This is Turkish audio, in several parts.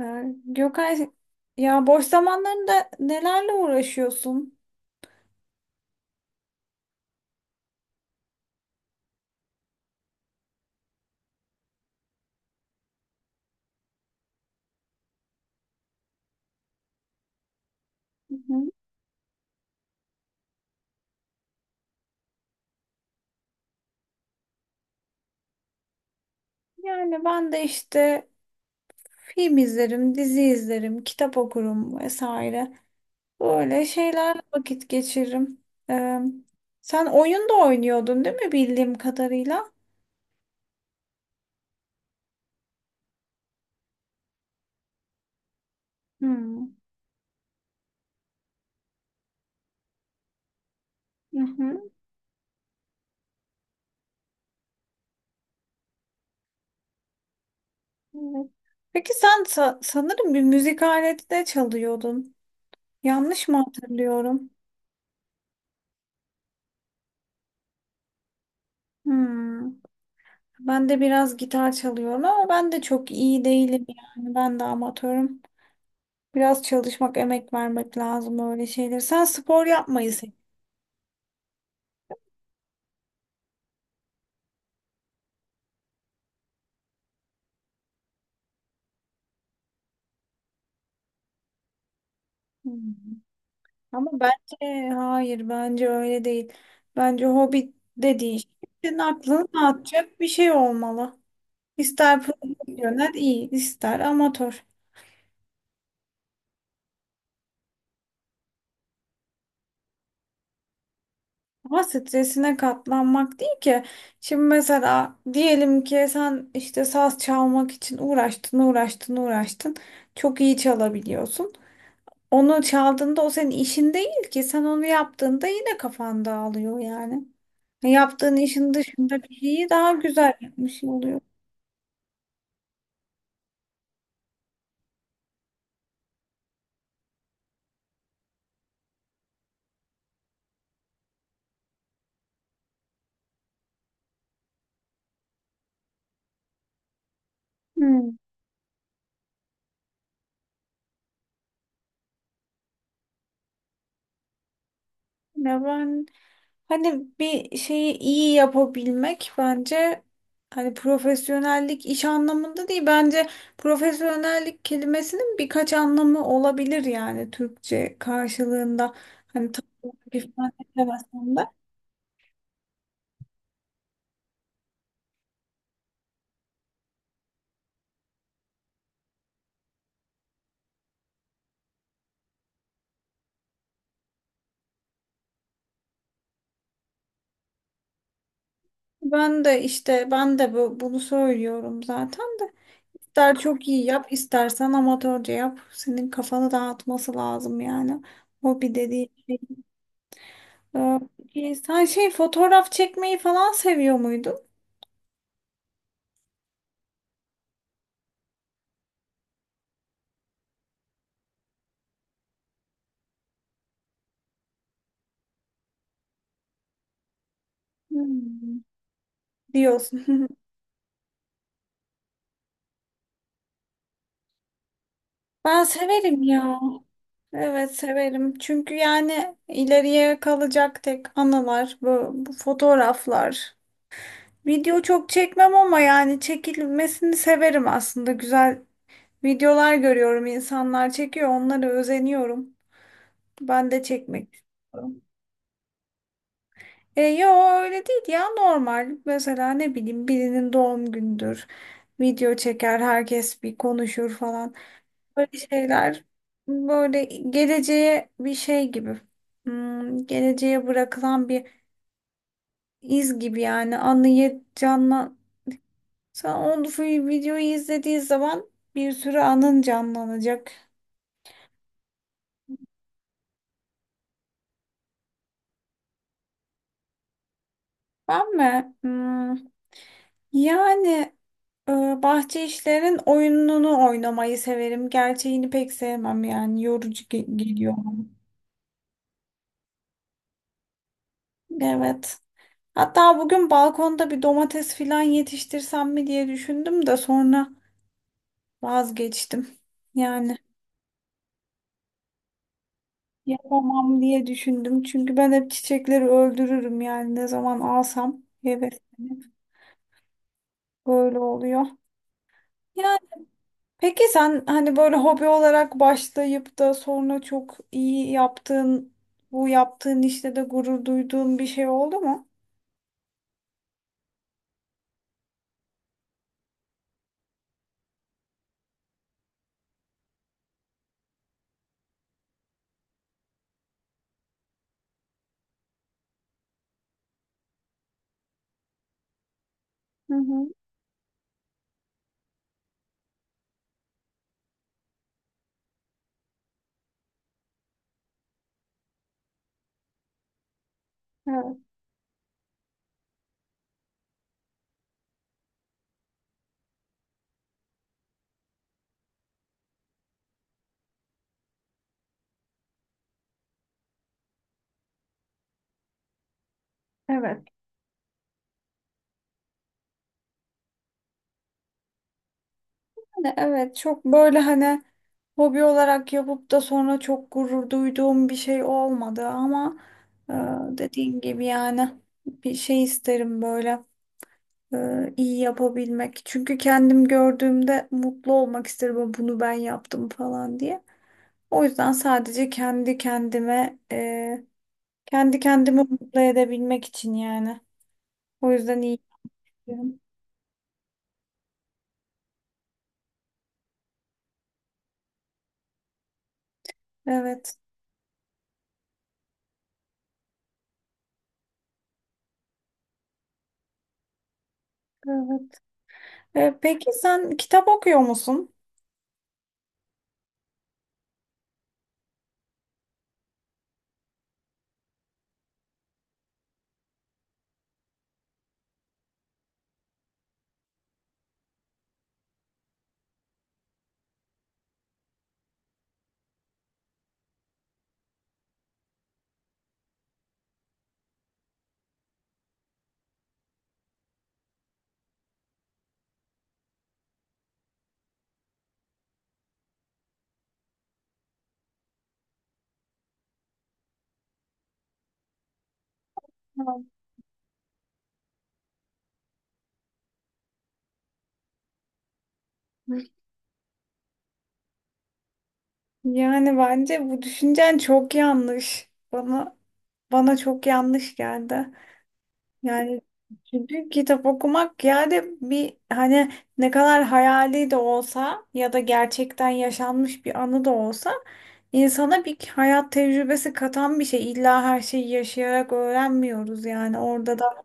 Gökay, ya boş zamanlarında nelerle uğraşıyorsun? Hı hı. Yani ben de işte film izlerim, dizi izlerim, kitap okurum vesaire. Böyle şeylerle vakit geçiririm. Ee, Sen oyun da oynuyordun değil mi bildiğim kadarıyla? Hmm. Hı hı. Evet. Peki sen sanırım bir müzik aleti de çalıyordun. Yanlış mı hatırlıyorum? Hmm. Ben de biraz gitar çalıyorum ama ben de çok iyi değilim yani. Ben de amatörüm. Biraz çalışmak, emek vermek lazım öyle şeyler. Sen spor yapmayı sev. Hmm. Ama bence hayır, bence öyle değil. Bence hobi dediğin şey senin aklını dağıtacak bir şey olmalı. İster profesyonel iyi, ister amatör. Ama stresine katlanmak değil ki. Şimdi mesela diyelim ki sen işte saz çalmak için uğraştın, uğraştın, uğraştın. Çok iyi çalabiliyorsun. Onu çaldığında o senin işin değil ki. Sen onu yaptığında yine kafan dağılıyor yani. Yaptığın işin dışında bir şeyi daha güzel yapmış oluyor. Hmm. Ya ben hani bir şeyi iyi yapabilmek, bence hani profesyonellik iş anlamında değil, bence profesyonellik kelimesinin birkaç anlamı olabilir yani Türkçe karşılığında, hani tam olarak ifade edemesem de. Ben de işte ben de bunu söylüyorum zaten de. İster çok iyi yap, istersen amatörce yap. Senin kafanı dağıtması lazım yani. Hobi dediğin şey. Peki sen şey fotoğraf çekmeyi falan seviyor muydun? Hmm, diyorsun. Ben severim ya. Evet severim. Çünkü yani ileriye kalacak tek anılar bu fotoğraflar. Video çok çekmem ama yani çekilmesini severim aslında. Güzel videolar görüyorum, insanlar çekiyor, onlara özeniyorum. Ben de çekmek istiyorum. E, yo öyle değil ya, normal. Mesela ne bileyim birinin doğum gündür. Video çeker, herkes bir konuşur falan. Böyle şeyler, böyle geleceğe bir şey gibi. Hmm, geleceğe bırakılan bir iz gibi yani anıyı canlan. Sen onu videoyu izlediği zaman bir sürü anın canlanacak. Ben mi? Hmm, yani e, bahçe işlerinin oyununu oynamayı severim. Gerçeğini pek sevmem yani yorucu geliyor bana. Evet. Hatta bugün balkonda bir domates filan yetiştirsem mi diye düşündüm de sonra vazgeçtim. Yani yapamam diye düşündüm. Çünkü ben hep çiçekleri öldürürüm yani ne zaman alsam heveslenip böyle oluyor. Peki sen hani böyle hobi olarak başlayıp da sonra çok iyi yaptığın, bu yaptığın işte de gurur duyduğun bir şey oldu mu? Hı hı. Evet. Evet. Yani evet, çok böyle hani hobi olarak yapıp da sonra çok gurur duyduğum bir şey olmadı ama e, dediğin gibi yani bir şey isterim böyle iyi yapabilmek. Çünkü kendim gördüğümde mutlu olmak isterim bunu ben yaptım falan diye. O yüzden sadece kendi kendime, kendi kendimi mutlu edebilmek için yani. O yüzden iyi yapıyorum. Evet, evet. Peki sen kitap okuyor musun? Evet. Yani bence bu düşüncen çok yanlış. Bana çok yanlış geldi. Yani, çünkü kitap okumak yani bir hani ne kadar hayali de olsa ya da gerçekten yaşanmış bir anı da olsa insana bir hayat tecrübesi katan bir şey. İlla her şeyi yaşayarak öğrenmiyoruz, yani orada da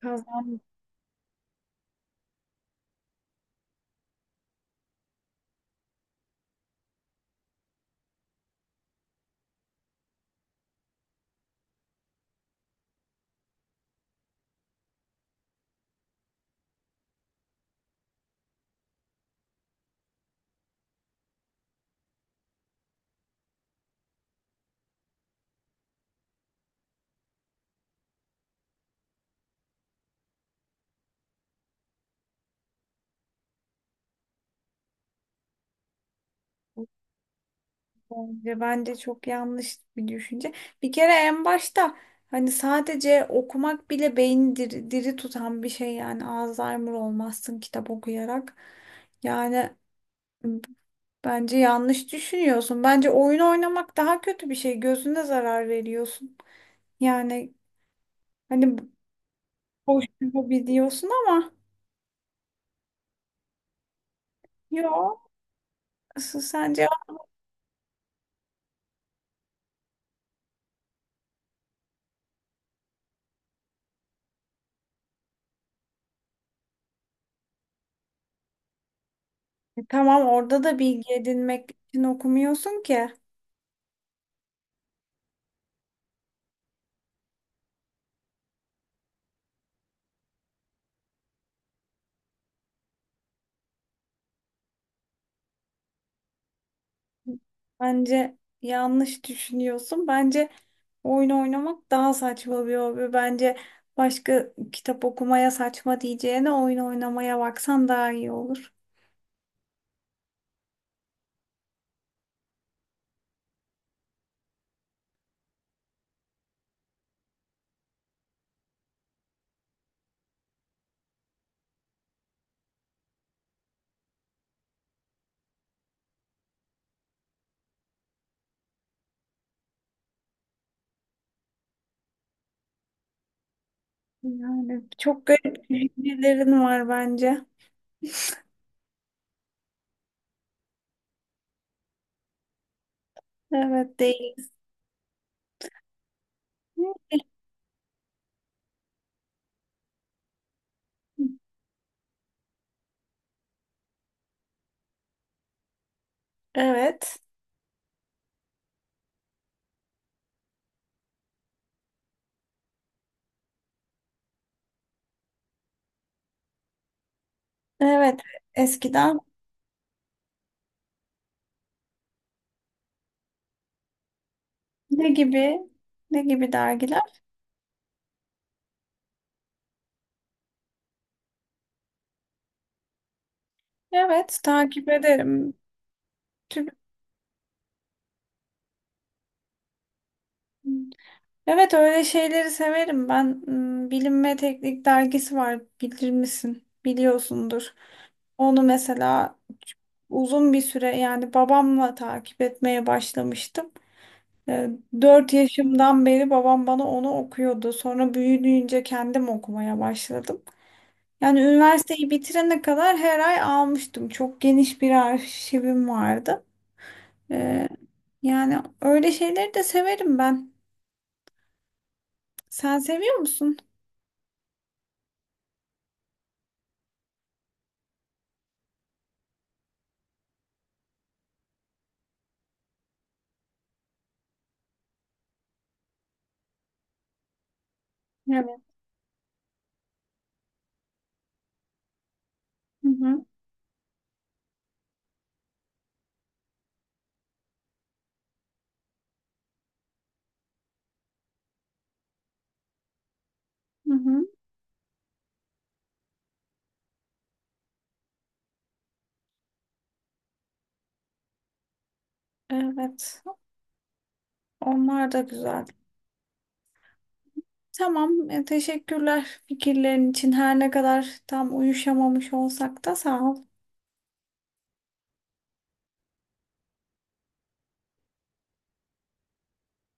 kazanmış. Bence çok yanlış bir düşünce. Bir kere en başta hani sadece okumak bile beyni diri tutan bir şey yani Alzheimer olmazsın kitap okuyarak. Yani bence yanlış düşünüyorsun. Bence oyun oynamak daha kötü bir şey. Gözüne zarar veriyorsun. Yani hani boş bir hobi diyorsun ama yok. Asıl sence. E tamam, orada da bilgi edinmek için okumuyorsun ki. Bence yanlış düşünüyorsun. Bence oyun oynamak daha saçma bir hobi. Bence başka kitap okumaya saçma diyeceğine oyun oynamaya baksan daha iyi olur. Yani çok garip fikirlerin var bence. Evet değil. Evet. Evet. Eskiden ne gibi, ne gibi dergiler? Evet takip ederim. Tüm- evet öyle şeyleri severim ben. Hmm, Bilim ve Teknik dergisi var, bilir misin? Biliyorsundur. Onu mesela uzun bir süre yani babamla takip etmeye başlamıştım. Ee, 4 yaşımdan beri babam bana onu okuyordu. Sonra büyüdüğünce kendim okumaya başladım. Yani üniversiteyi bitirene kadar her ay almıştım. Çok geniş bir arşivim vardı. Ee, yani öyle şeyleri de severim ben. Sen seviyor musun? Evet. Hı hı, hı hı. Evet. Onlar da güzel. Tamam. Teşekkürler fikirlerin için. Her ne kadar tam uyuşamamış olsak da sağ ol.